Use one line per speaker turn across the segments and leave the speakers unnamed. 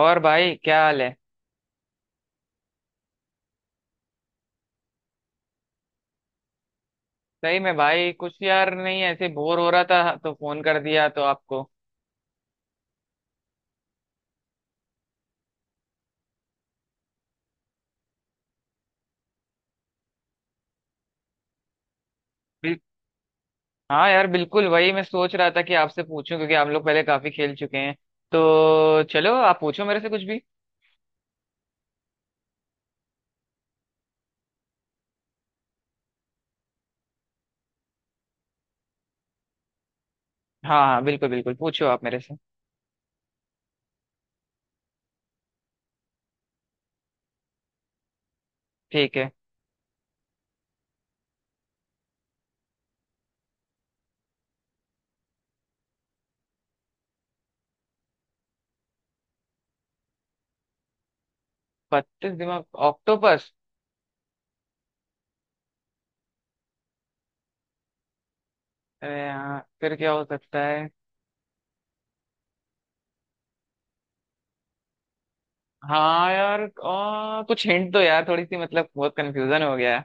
और भाई क्या हाल है। सही में भाई, कुछ यार नहीं, ऐसे बोर हो रहा था तो फोन कर दिया तो आपको। बिल- हाँ यार, बिल्कुल वही मैं सोच रहा था कि आपसे पूछूं, क्योंकि हम लोग पहले काफी खेल चुके हैं। तो चलो, आप पूछो मेरे से कुछ भी। हाँ हाँ, बिल्कुल बिल्कुल, पूछो आप मेरे से। ठीक है। 32 दिमाग? ऑक्टोपस। अरे यार, फिर क्या हो सकता है। हाँ यार, कुछ हिंट दो यार थोड़ी सी, मतलब बहुत कंफ्यूजन हो गया है।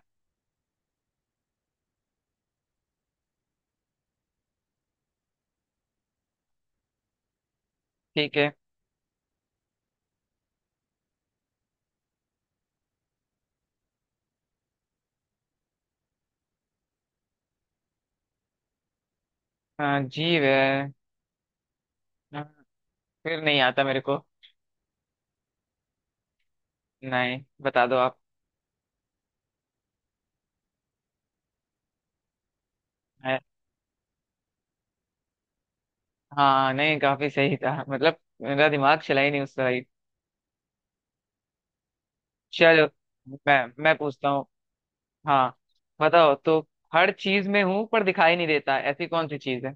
ठीक है। जीव है। आ, फिर नहीं आता मेरे को। नहीं, बता दो आप। है- हाँ नहीं, काफी सही था। मतलब मेरा दिमाग चला ही नहीं उस तरह ही। चलो मैं मैं पूछता हूँ। हाँ। बताओ तो, हर चीज में हूँ पर दिखाई नहीं देता, ऐसी कौन सी चीज है?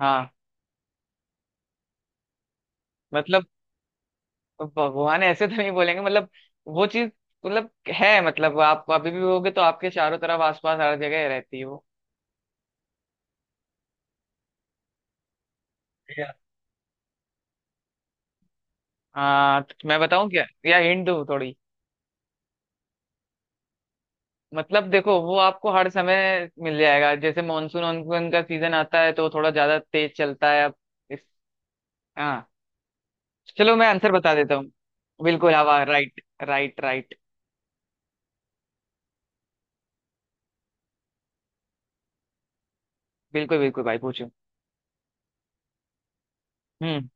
हाँ। मतलब, भगवान ऐसे तो नहीं बोलेंगे। मतलब वो चीज, मतलब है, मतलब आप अभी भी होगे तो आपके चारों तरफ आसपास हर जगह रहती है वो। Yeah. हाँ तो मैं बताऊँ क्या? या हिंट दूँ थोड़ी? मतलब देखो, वो आपको हर समय मिल जाएगा, जैसे मानसून वानसून का सीजन आता है तो थोड़ा ज्यादा तेज चलता है। अब हाँ, चलो मैं आंसर बता देता हूँ। बिल्कुल हवा। Right right right. बिल्कुल बिल्कुल भाई, पूछो। हम्म।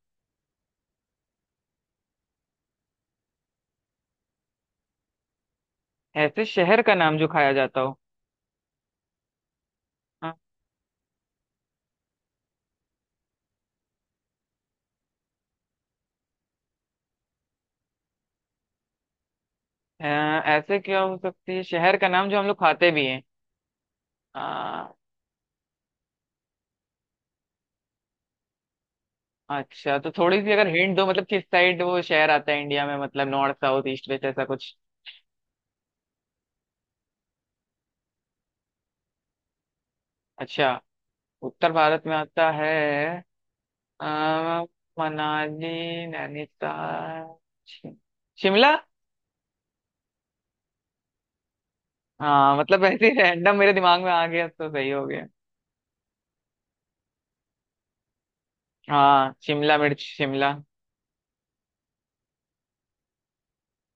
ऐसे शहर का नाम जो खाया जाता हो? हाँ, अ, ऐसे क्या हो सकती है, शहर का नाम जो हम लोग खाते भी हैं? आ, अच्छा, तो थोड़ी सी अगर हिंट दो, मतलब किस साइड वो शहर आता है इंडिया में, मतलब नॉर्थ साउथ ईस्ट वेस्ट ऐसा कुछ। अच्छा, उत्तर भारत में आता है। आ, मनाली, नैनीताल, शि- शिमला। हाँ, मतलब ऐसे रैंडम मेरे दिमाग में आ गया तो सही हो गया। हाँ, शिमला मिर्च, शिमला।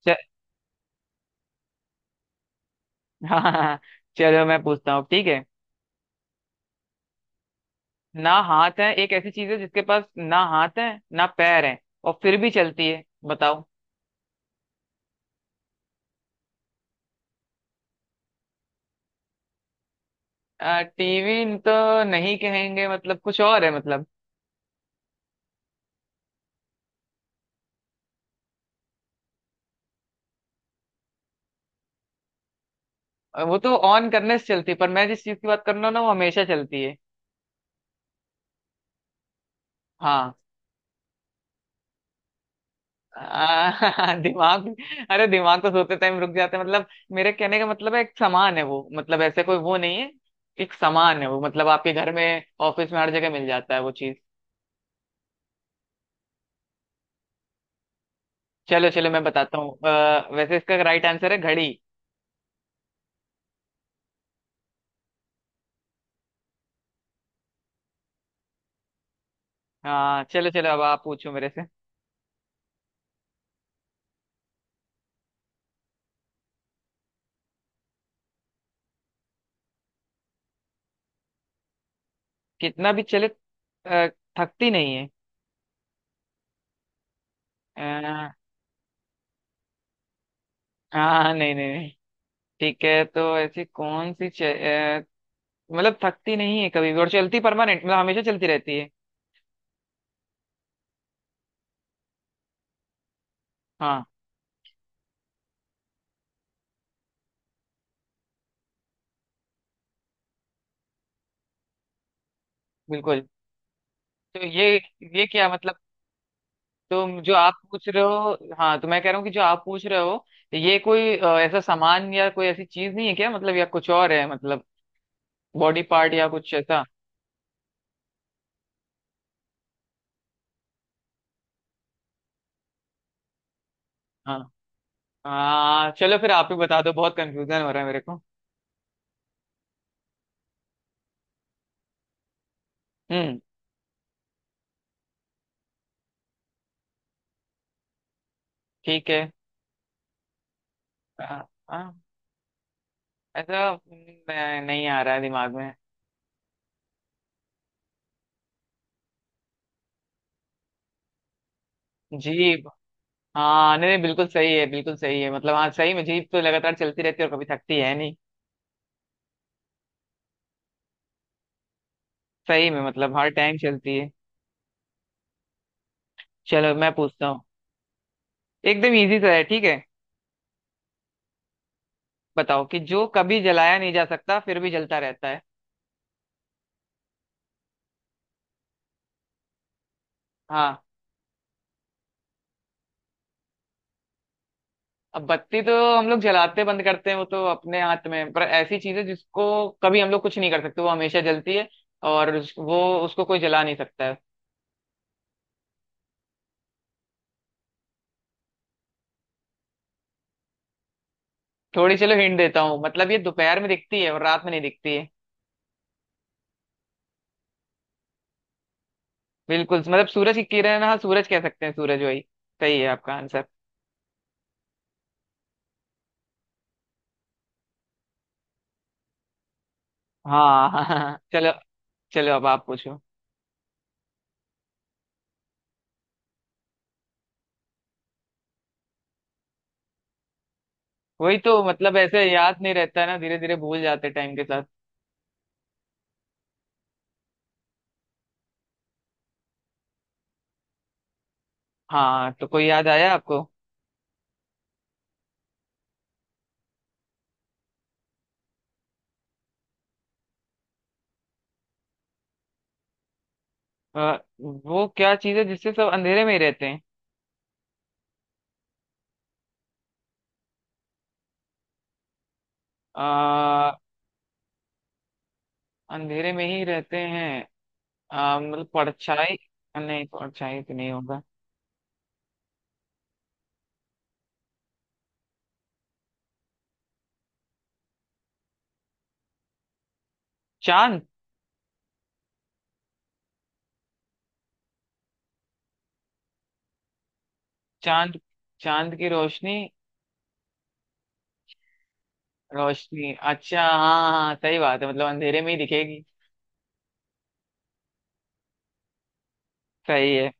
च- हाँ हाँ हाँ, चलो मैं पूछता हूँ ठीक है। ना हाथ है, एक ऐसी चीज है जिसके पास ना हाथ है, ना पैर है, और फिर भी चलती है। बताओ। टीवी तो नहीं कहेंगे, मतलब कुछ और है मतलब। वो तो ऑन करने से चलती है, पर मैं जिस चीज की बात कर रहा हूँ ना, वो हमेशा चलती है। हाँ। दिमाग? अरे दिमाग तो सोते टाइम रुक जाते हैं मतलब। मेरे कहने का मतलब है, एक सामान है वो, मतलब ऐसे कोई वो नहीं है। एक सामान है वो, मतलब आपके घर में, ऑफिस में, हर जगह मिल जाता है वो चीज। चलो चलो मैं बताता हूँ। वैसे इसका राइट आंसर है घड़ी। हाँ, चलो चलो, अब आप पूछो मेरे से। कितना भी चले, थकती नहीं है। हाँ। हाँ, नहीं नहीं नहीं। ठीक है, तो ऐसी कौन सी मतलब थकती नहीं है कभी भी, और चलती परमानेंट, मतलब हमेशा चलती रहती है। हाँ, बिल्कुल। तो ये क्या मतलब? तो जो आप पूछ रहे हो, हाँ, तो मैं कह रहा हूँ कि जो आप पूछ रहे हो, ये कोई ऐसा सामान या कोई ऐसी चीज नहीं है क्या मतलब? या कुछ और है मतलब, बॉडी पार्ट या कुछ ऐसा? हाँ। चलो फिर आप ही बता दो, बहुत कंफ्यूजन हो रहा है मेरे को। हम्म। ठीक है। आ, आ, ऐसा नहीं आ रहा है दिमाग में। जीप? हाँ नहीं नहीं, बिल्कुल सही है, बिल्कुल सही है। मतलब हाँ, सही में जीप तो लगातार चलती रहती है और कभी थकती है नहीं। सही में, मतलब हर टाइम चलती है। चलो मैं पूछता हूँ, एकदम इजी सा है ठीक है। बताओ कि जो कभी जलाया नहीं जा सकता, फिर भी जलता रहता है। हाँ। अब बत्ती तो हम लोग जलाते बंद करते हैं, वो तो अपने हाथ में है। पर ऐसी चीज है जिसको कभी हम लोग कुछ नहीं कर सकते, वो हमेशा जलती है। और वो, उसको कोई जला नहीं सकता है। थोड़ी चलो हिंट देता हूँ, मतलब ये दोपहर में दिखती है और रात में नहीं दिखती है। बिल्कुल, मतलब सूरज की किरण, हाँ सूरज कह सकते हैं, सूरज, वही सही है आपका आंसर। हाँ हाँ हाँ, चलो। चलो अब आप पूछो। वही तो, मतलब ऐसे याद नहीं रहता है ना, धीरे धीरे भूल जाते टाइम के साथ। हाँ, तो कोई याद आया आपको? वो क्या चीज है जिससे सब अंधेरे में ही रहते हैं? अंधेरे में ही रहते हैं, मतलब परछाई? नहीं, परछाई तो नहीं होगा। चांद? चांद, चांद की रोशनी? रोशनी? अच्छा हाँ हाँ हाँ, सही बात है, मतलब अंधेरे में ही दिखेगी। सही है।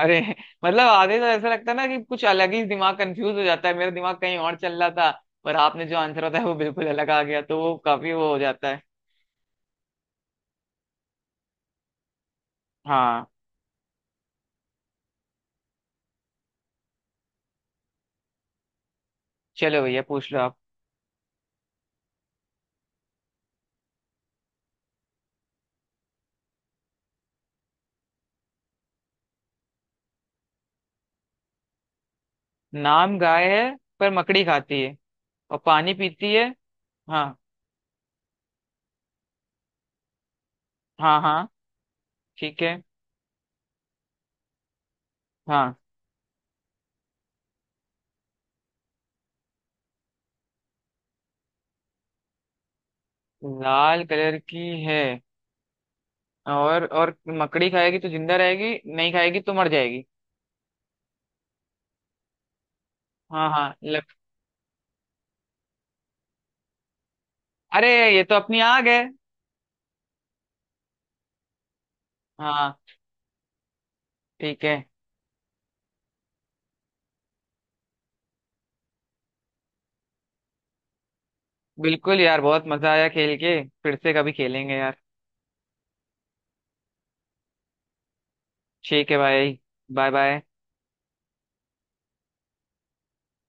अरे, मतलब आधे तो ऐसा लगता है ना कि कुछ अलग ही, दिमाग कंफ्यूज हो जाता है, मेरा दिमाग कहीं और चल रहा था। पर आपने जो आंसर होता है वो बिल्कुल अलग आ गया, तो वो काफी वो हो जाता है। हाँ, चलो भैया पूछ लो आप। नाम गाय है, पर मकड़ी खाती है और पानी पीती है? हाँ हाँ। हाँ ठीक है। हाँ, लाल कलर की है, और मकड़ी खाएगी तो जिंदा रहेगी, नहीं खाएगी तो मर जाएगी? हाँ हाँ लग, अरे ये तो अपनी आग है। हाँ। ठीक है। बिल्कुल यार, बहुत मजा आया खेल के, फिर से कभी खेलेंगे यार। ठीक है भाई। Bye bye.